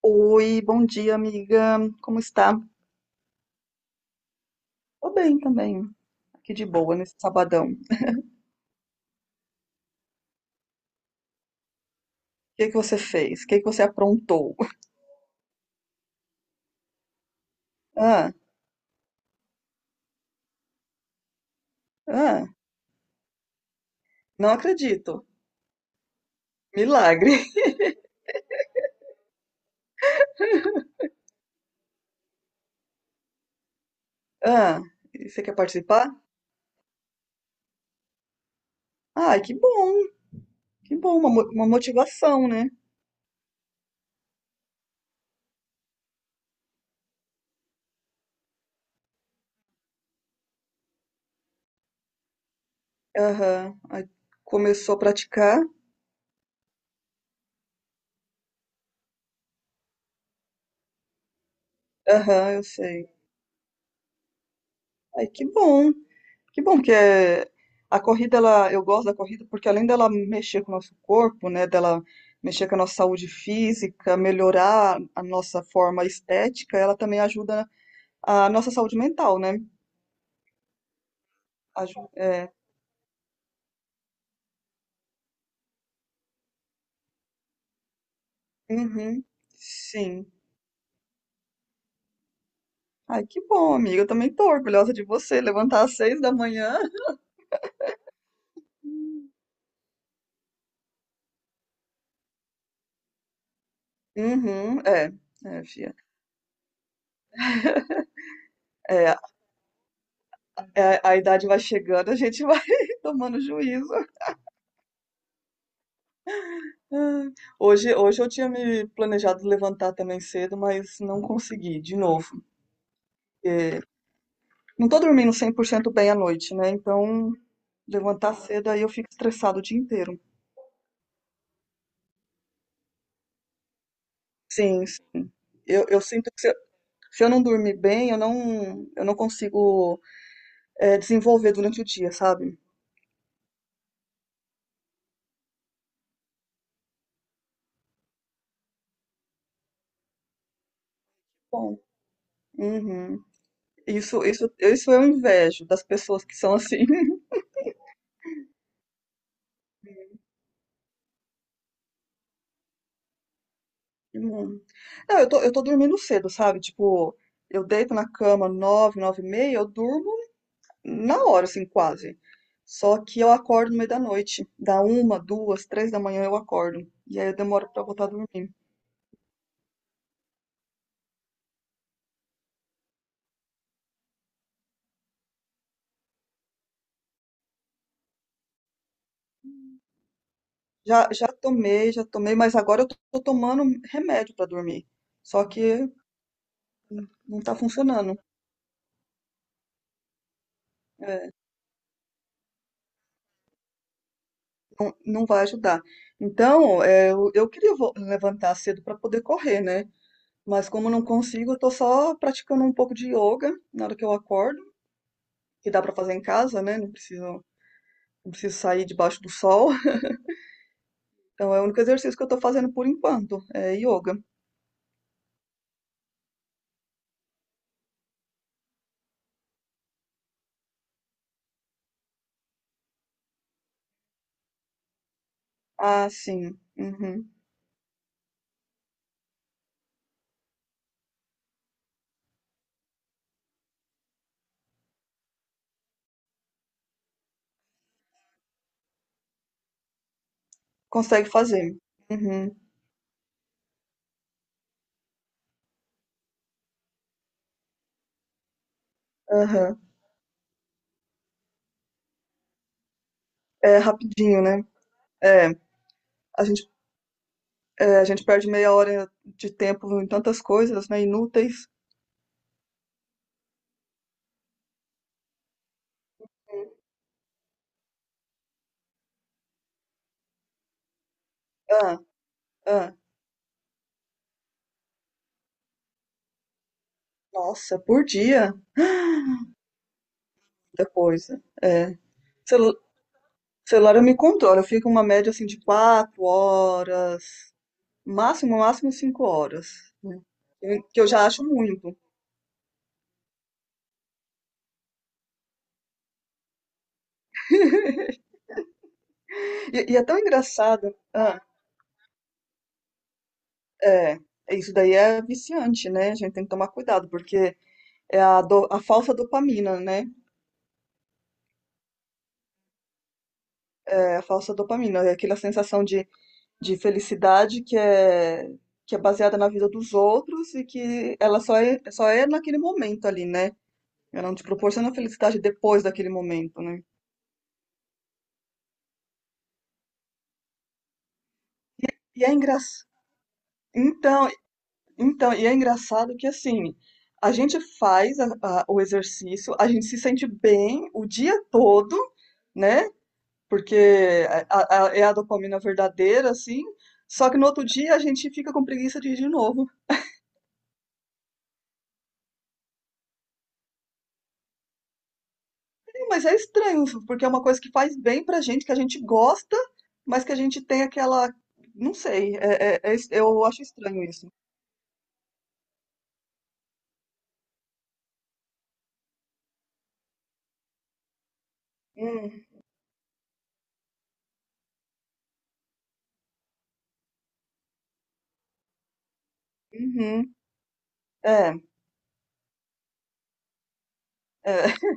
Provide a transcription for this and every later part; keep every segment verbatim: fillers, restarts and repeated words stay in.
Oi, bom dia, amiga. Como está? Tô bem também, aqui de boa nesse sabadão. O que que você fez? O que que você aprontou? Ah, ah, não acredito. Milagre. Ah, e você quer participar? Ai, que bom, que bom, uma, mo- uma motivação, né? Aham. Aí começou a praticar. Aham, eu sei. Ai, que bom. Que bom que é a corrida, ela, eu gosto da corrida porque além dela mexer com o nosso corpo, né, dela mexer com a nossa saúde física, melhorar a nossa forma estética, ela também ajuda a nossa saúde mental, né? Aju- é, uhum, sim. Ai, que bom, amiga. Eu também tô orgulhosa de você. Levantar às seis da manhã. Uhum, é, é, fia. É, é, a idade vai chegando, a gente vai tomando juízo. Ai, Hoje, hoje eu tinha me planejado levantar também cedo, mas não consegui, de novo. É, não tô dormindo cem por cento bem à noite, né? Então, levantar cedo aí eu fico estressado o dia inteiro. Sim, s- eu, eu sinto que se eu, se eu não dormir bem, eu não, eu não consigo, é, desenvolver durante o dia, sabe? Bom, uhum. Isso, isso, isso eu invejo das pessoas que são assim. Hum. Não, eu tô, eu tô dormindo cedo, sabe? Tipo, eu deito na cama nove, nove e meia, eu durmo na hora, assim, quase. Só que eu acordo no meio da noite. Da uma, duas, três da manhã eu acordo. E aí eu demoro pra voltar a dormir. Já, já tomei, já tomei, mas agora eu tô, tô tomando remédio pra dormir. Só que não tá funcionando. é, não, não vai ajudar. Então, é, eu, eu queria vo- levantar cedo pra poder correr, né? Mas como eu não consigo, eu tô só praticando um pouco de yoga na hora que eu acordo, que dá pra fazer em casa, né? Não preciso, não preciso sair debaixo do sol. Então é o único exercício que eu tô fazendo por enquanto, é yoga. Ah, sim. Uhum. Consegue fazer. Uhum. Aham. É rapidinho, né? É, a gente, é, a gente perde meia hora de tempo em tantas coisas, né? Inúteis. Ah, ah. Nossa, por dia? Muita coisa. É. Celu- celular eu me controlo, eu fico uma média assim de quatro horas, máximo, máximo cinco horas, né? Eu- Que eu já acho muito. E, e é tão engraçado. ah, É, isso daí é viciante, né? A gente tem que tomar cuidado, porque é a, do- a falsa dopamina, né? É a falsa dopamina, é aquela sensação de, de felicidade que é, que é baseada na vida dos outros e que ela só é, só é naquele momento ali, né? Ela não te proporciona felicidade depois daquele momento, né? E é engraçado. Então, então, e é engraçado que assim, a gente faz a- a- o exercício, a gente se sente bem o dia todo né? Porque é a, a- é a dopamina verdadeira, assim. Só que no outro dia a gente fica com preguiça de ir de novo. Sim, mas é estranho, porque é uma coisa que faz bem pra gente, que a gente gosta, mas que a gente tem aquela. Não sei, é- é- é es- eu acho estranho isso. Hum, uhum, é, é,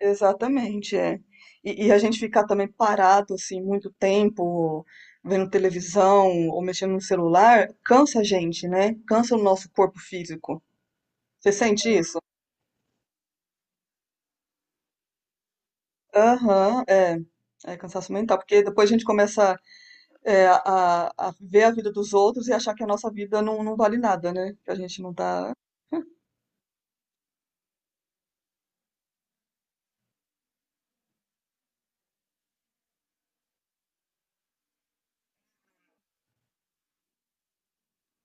exatamente, é. E, e a gente ficar também parado, assim, muito tempo, vendo televisão ou mexendo no celular, cansa a gente, né? Cansa o nosso corpo físico. Você sente isso? Aham, é. É cansaço mental, porque depois a gente começa é, a, a ver a vida dos outros e achar que a nossa vida não, não vale nada, né? Que a gente não tá,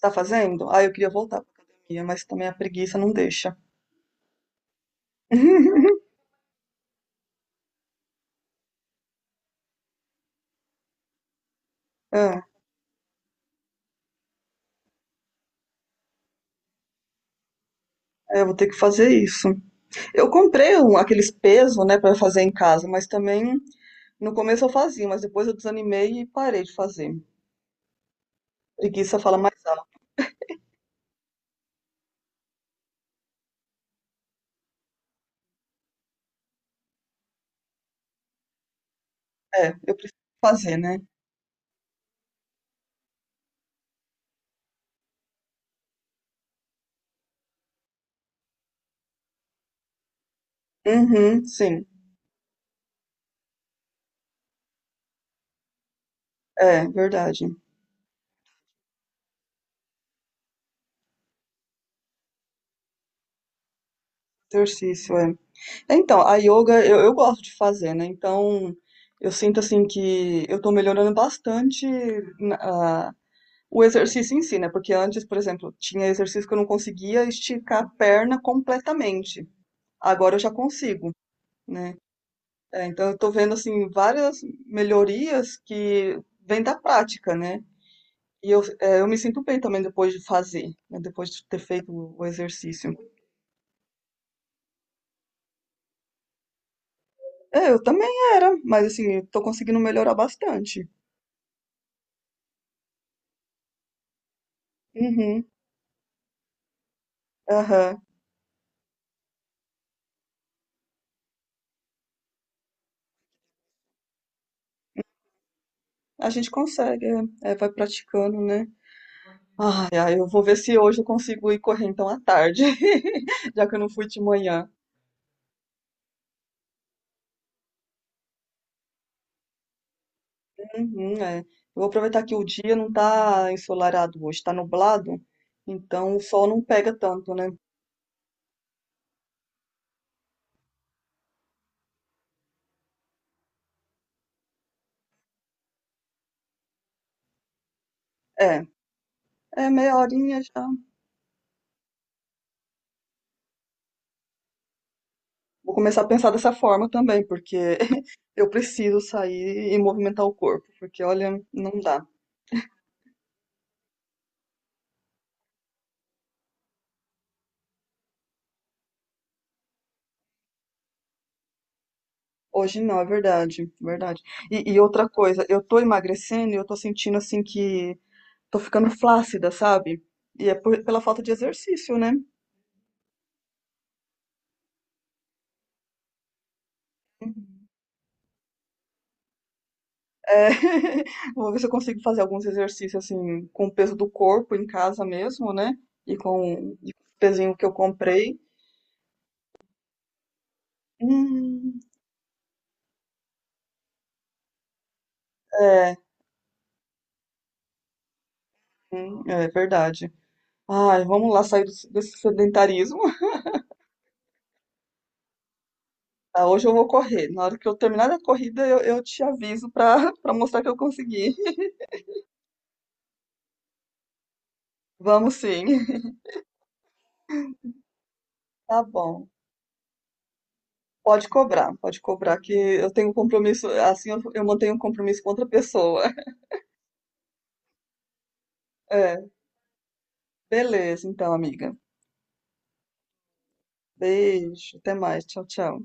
tá fazendo. Ah, eu queria voltar pra academia, mas também a preguiça não deixa. É, é, eu vou ter que fazer isso. Eu comprei um- aqueles pesos, né, pra fazer em casa, mas também no começo eu fazia, mas depois eu desanimei e parei de fazer. Preguiça fala mais alto. É, eu preciso fazer, né? Uhum, sim, é verdade. Exercício, é. Então, a yoga eu, eu gosto de fazer, né? Então, eu sinto assim que eu tô melhorando bastante na- a- o exercício em si, né? Porque antes, por exemplo, tinha exercício que eu não conseguia esticar a perna completamente. Agora eu já consigo, né? É, então, eu tô vendo assim várias melhorias que vêm da prática, né? E eu, é, eu me sinto bem também depois de fazer, né? Depois de ter feito o exercício. É, eu também era, mas assim, eu tô conseguindo melhorar bastante. Uhum. Aham. A gente consegue, é, é, vai praticando, né? Ai, ai, eu vou ver se hoje eu consigo ir correr então à tarde, já que eu não fui de manhã. Uhum, é. Eu vou aproveitar que o dia não tá ensolarado hoje, tá nublado, então o sol não pega tanto, né? É, é meia horinha já. Vou começar a pensar dessa forma também, porque eu preciso sair e movimentar o corpo, porque olha, não dá. Hoje não, é verdade, verdade. E, e outra coisa, eu tô emagrecendo e eu tô sentindo assim que tô ficando flácida, sabe? E é por- pela falta de exercício, né? Uhum. É, vou ver se eu consigo fazer alguns exercícios assim com o peso do corpo em casa mesmo, né? E com e com o pezinho que eu comprei. Hum, é, hum, é verdade. Ai, vamos lá sair do- desse sedentarismo. Ah, hoje eu vou correr. Na hora que eu terminar a corrida, eu, eu te aviso para para mostrar que eu consegui. Vamos sim. Tá bom. Pode cobrar, pode cobrar que eu tenho um compromisso, assim eu, eu mantenho um compromisso com outra pessoa. É, beleza, então, amiga. Beijo, até mais, tchau, tchau.